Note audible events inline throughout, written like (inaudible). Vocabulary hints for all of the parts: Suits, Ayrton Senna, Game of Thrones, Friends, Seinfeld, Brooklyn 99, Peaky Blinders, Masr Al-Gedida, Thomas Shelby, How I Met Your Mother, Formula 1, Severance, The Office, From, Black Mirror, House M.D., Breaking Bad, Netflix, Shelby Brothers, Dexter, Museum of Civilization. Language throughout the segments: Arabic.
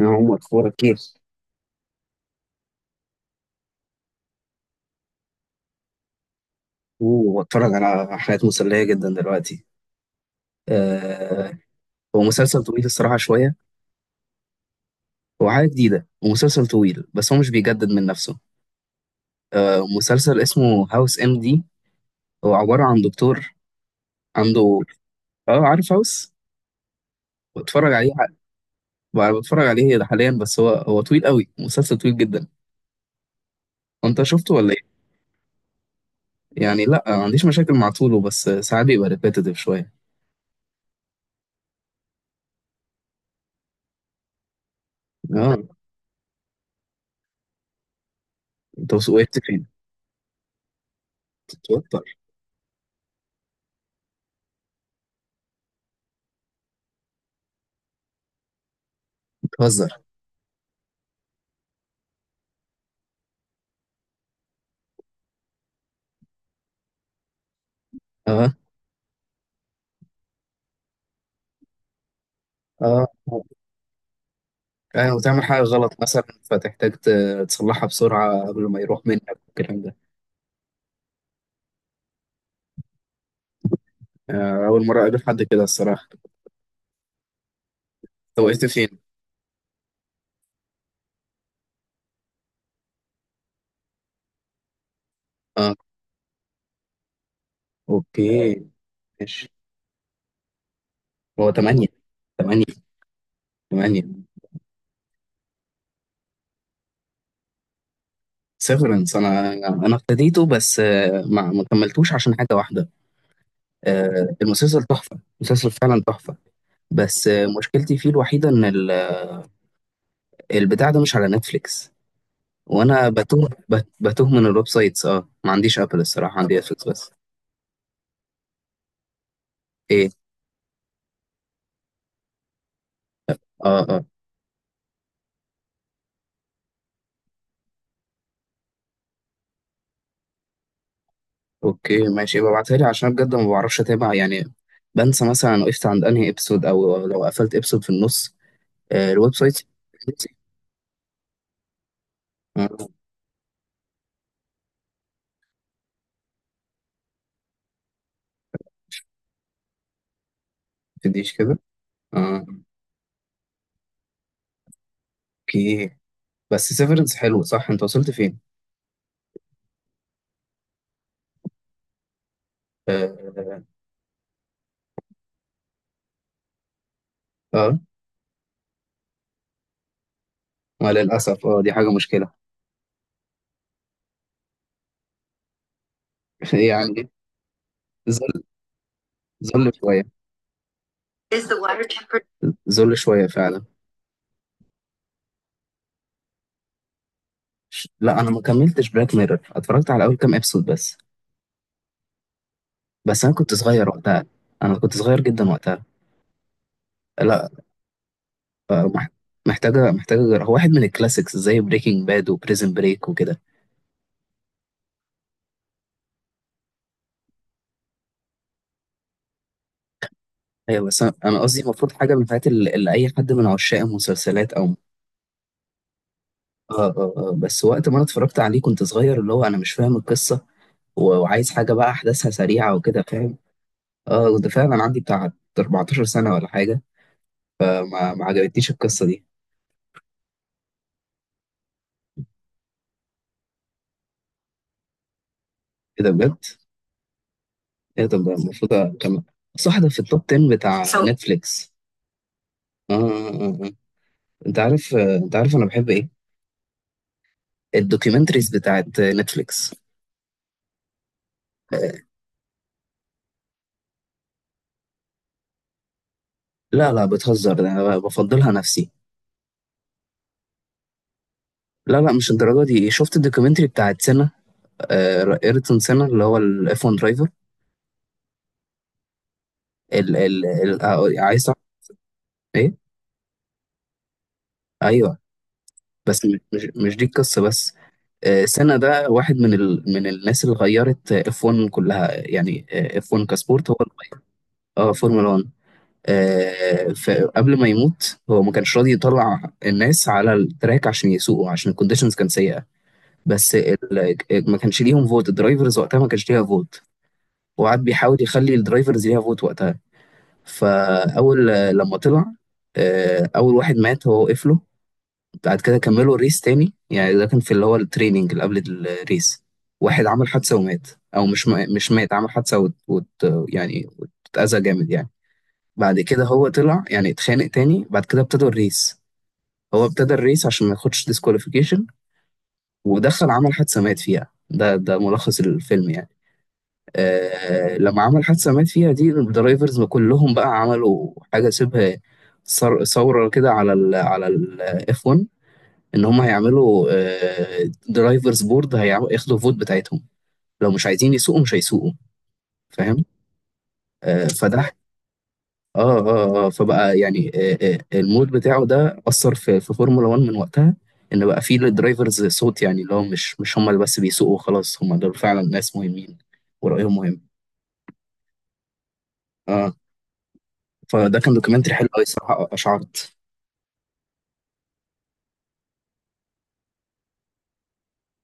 أنا عمر. أخبارك؟ كتير. وبتفرج على حاجات مسلية جدا دلوقتي. آه. هو مسلسل طويل الصراحة شوية. هو حاجة جديدة ومسلسل طويل، بس هو مش بيجدد من نفسه. آه، مسلسل اسمه هاوس ام دي. هو عبارة عن دكتور عنده. اه، عارف هاوس. بتفرج عليه ح- بتفرج عليه حاليا، بس هو طويل قوي، مسلسل طويل جدا. انت شفته ولا ايه؟ يعني لا، ما عنديش مشاكل مع طوله، بس ساعات بيبقى ريبيتيتيف شوية. اه. انت وقفت فين؟ بتتوتر. بتهزر. اه. اه. يعني وتعمل حاجة غلط مثلا، فتحتاج تصلحها بسرعة قبل ما يروح منك والكلام ده. آه، أول مرة أقابل حد كده الصراحة. أنت وقفت فين؟ أه. أوكي، ماشي. هو تمانية. تمانية. تمانية. سيفرنس. أنا ابتديته، بس ما كملتوش عشان حاجة واحدة. المسلسل تحفة، المسلسل فعلا تحفة. بس مشكلتي فيه الوحيدة إن البتاع ده مش على نتفليكس. وأنا بتوه، بتوه من الويب سايتس. أه، ما عنديش أبل الصراحة، عندي نتفليكس بس. إيه؟ أه. آه. اوكي، ماشي، يبقى ابعتها لي عشان بجد ما بعرفش اتابع يعني. بنسى مثلا أنا وقفت عند انهي ابسود، او لو قفلت ابسود في النص. آه، الويب سايت. ما تديش كده. اه. اوكي. بس سيفرنس حلو، صح؟ انت وصلت فين؟ اه. اه. ما للاسف، دي حاجه مشكله. (laughs) يعني. ذل. ذل شويه. Is the water temper- ذل شويه فعلا. لا، انا ما كملتش بلاك ميرور، اتفرجت على اول كام ابسود بس. بس انا كنت صغير وقتها. انا كنت صغير جدا وقتها. لا. فمح- محتاجة محتاجة، هو واحد من الكلاسيكس زي بريكنج باد وبريزن بريك وكده. ايوه، بس انا قصدي المفروض حاجة من الحاجات اللي اي حد من عشاق المسلسلات او. بس وقت ما انا اتفرجت عليه كنت صغير، اللي هو انا مش فاهم القصة وعايز حاجة بقى احداثها سريعة وكده، فاهم. اه، ده فعلا عندي بتاع 14 سنة ولا حاجة. ما عجبتنيش القصة دي. ايه ده بجد؟ ايه ده بجد؟ المفروض اكمل. صح، ده في التوب 10 بتاع سو نتفليكس. اه. آه. آه. آه. انت عارف انا بحب ايه؟ الدوكيومنتريز بتاعت نتفليكس. لا، لا، بتهزر، ده انا بفضلها نفسي. لا، لا، مش الدرجه دي. شفت الدوكيومنتري بتاعت سنة؟ ايرتون سنة، اللي هو الاف 1 درايفر. ال ال ال آه، عايز تعرف؟ ايه؟ ايوه، بس مش دي القصه بس. سنة ده واحد من الناس اللي غيرت اف 1 كلها يعني. اف 1 كسبورت هو اللي غير- اه، فورمولا 1. فقبل ما يموت هو ما كانش راضي يطلع الناس على التراك عشان يسوقوا عشان الكونديشنز كانت سيئه. بس ال... ما كانش ليهم فوت، الدرايفرز وقتها ما كانش ليها فوت. هو قعد بيحاول يخلي الدرايفرز ليها فوت وقتها. فاول لما طلع اول واحد مات هو وقف له. بعد كده كملوا الريس تاني، يعني ده كان في اللي هو التريننج اللي قبل الريس. واحد عمل حادثة ومات. او مش مش مات، عمل حادثة يعني، واتأذى جامد يعني. بعد كده هو طلع، يعني اتخانق تاني، بعد كده ابتدوا الريس. هو ابتدى الريس عشان ما ياخدش ديسكواليفيكيشن. ودخل عمل حادثة مات فيها، ده ملخص الفيلم يعني. آه، لما عمل حادثة مات فيها دي، الدرايفرز كلهم بقى عملوا حاجة شبه ثورة كده على ال F1، إن هم هيعملوا درايفرز بورد، هيعملوا ياخدوا فوت بتاعتهم. لو مش عايزين يسوقوا مش هيسوقوا. فاهم. فده. اه فبقى يعني، المود بتاعه ده أثر في فورمولا 1 من وقتها. إن بقى فيه للدرايفرز صوت، يعني اللي هو مش هم اللي بس بيسوقوا، خلاص هم دول فعلا ناس مهمين ورأيهم مهم. اه. فده كان دوكيومنتري حلو قوي الصراحه، اشعرت.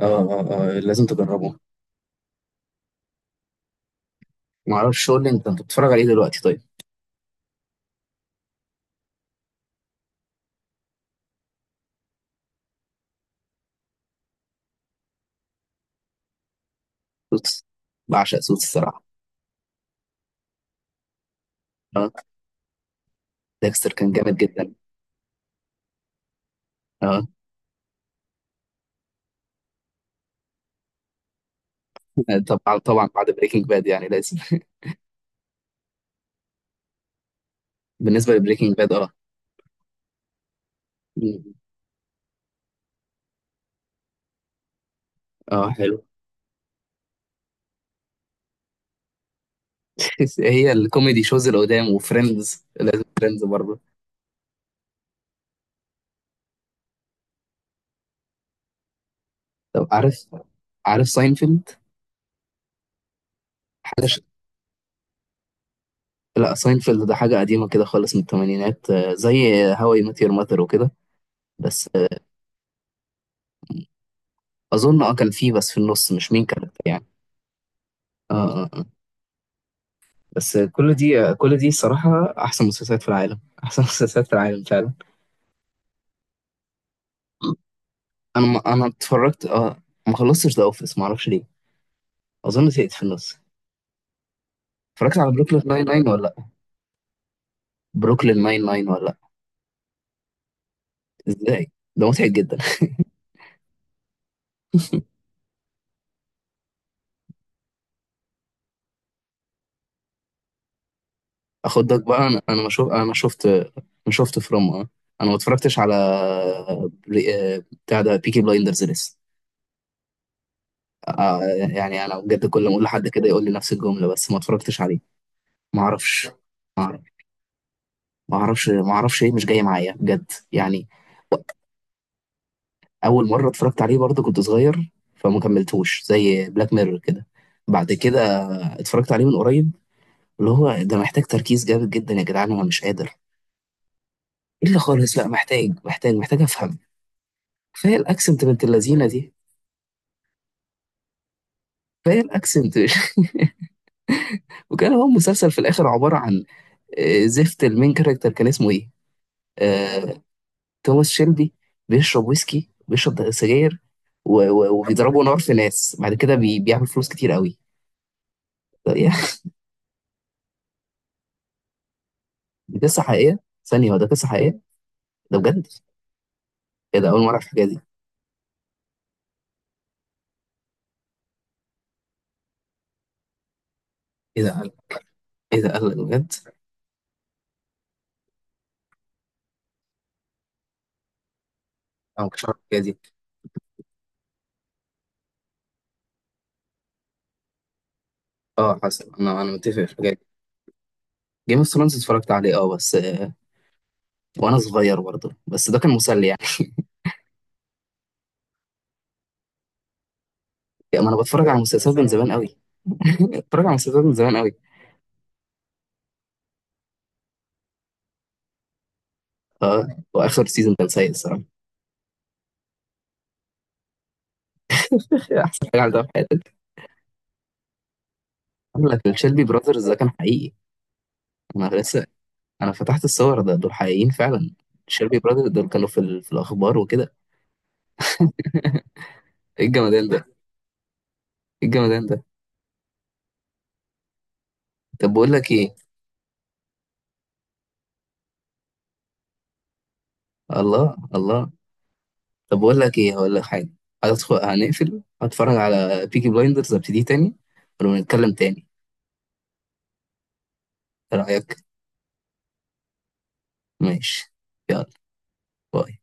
آه. آه. آه. لازم تجربه. ما اعرفش، شو اللي انت بتتفرج عليه دلوقتي طيب؟ سوتس. بعشق سوتس الصراحه. اه. ديكستر كان جامد جدا. اه. (laughs) طبعا طبعا، بعد بريكنج باد يعني لازم. (laughs) بالنسبه لبريكنج باد، اه. اه، حلو. (laughs) هي الكوميدي شوز اللي قدام، وفريندز لازم، فريندز برضه. طب، عارف ساينفيلد؟ حاجه ش... لا، ساينفيلد ده حاجه قديمه كده خالص من الثمانينات، آه، زي هاو اي ميت يور ماذر وكده بس. اظن، كان في بس في النص، مش مين كانت يعني. اه. اه. آه. بس كل دي، كل دي صراحة احسن مسلسلات في العالم، احسن (laughs) مسلسلات في العالم فعلا. انا ما، انا اتفرجت، ما خلصتش ذا اوفيس، ما اعرفش ليه. اظن زهقت في النص. اتفرجت على بروكلين 99 ولا لا؟ بروكلين 99 ولا لا؟ ازاي؟ ده مضحك جدا. (laughs) اخدك بقى، انا ما شفت. ما شفت فروم. اه انا ما اتفرجتش على بتاع ده، بيكي بلايندرز لسه. آه، يعني انا بجد كل ما اقول لحد كده يقول لي نفس الجملة، بس ما اتفرجتش عليه. ما اعرفش. ما اعرف- ما اعرفش، ما اعرفش ايه، مش جاي معايا بجد يعني. اول مره اتفرجت عليه برضه كنت صغير، فما كملتوش زي بلاك ميرور كده. بعد كده اتفرجت عليه من قريب، اللي هو ده محتاج تركيز جامد جدا يا جدعان، انا مش قادر. الا خالص، لا، محتاج محتاج محتاج افهم. كفايه الاكسنت بنت اللذينه دي. كفايه الاكسنت. (laughs) وكان هو مسلسل في الاخر عباره عن زفت. المين كاركتر كان اسمه ايه؟ آه، توماس شيلبي. بيشرب ويسكي، بيشرب سجاير، وبيضربوا نار في ناس، بعد كده بيعمل فلوس كتير قوي. يا أخي، دي قصه حقيقيه؟ ثانيه، هو ده قصه حقيقيه؟ ده بجد؟ ايه ده، اول مره اعرف الحاجه دي. ايه ده قال؟ ايه ده قال بجد؟ انا ما كنتش اعرف الحاجه دي. اه، حصل. انا متفق في الحاجه دي. جيم اوف ثرونز اتفرجت عليه، اه، بس وانا صغير برضه، بس ده كان مسلي يعني. يعني ما انا بتفرج على مسلسلات من زمان قوي. (laughs) بتفرج على مسلسلات من زمان قوي. اه. واخر سيزون كان سيء الصراحه. احسن حاجه عملتها في حياتي. اقول لك، الشيلبي براذرز ده كان حقيقي. انا انا فتحت الصور، ده دول حقيقيين فعلا. شيربي برادر دول كانوا في الاخبار وكده. (laughs) ايه الجمدان ده. ايه الجمدان ده. طب بقول لك ايه. الله، الله. طب بقول لك ايه، هقول لك حاجه. هدخل، هنقفل، هتفرج على بيكي بلايندرز، ابتدي تاني ونتكلم تاني. ايه رايك؟ ماشي. يلا. باي.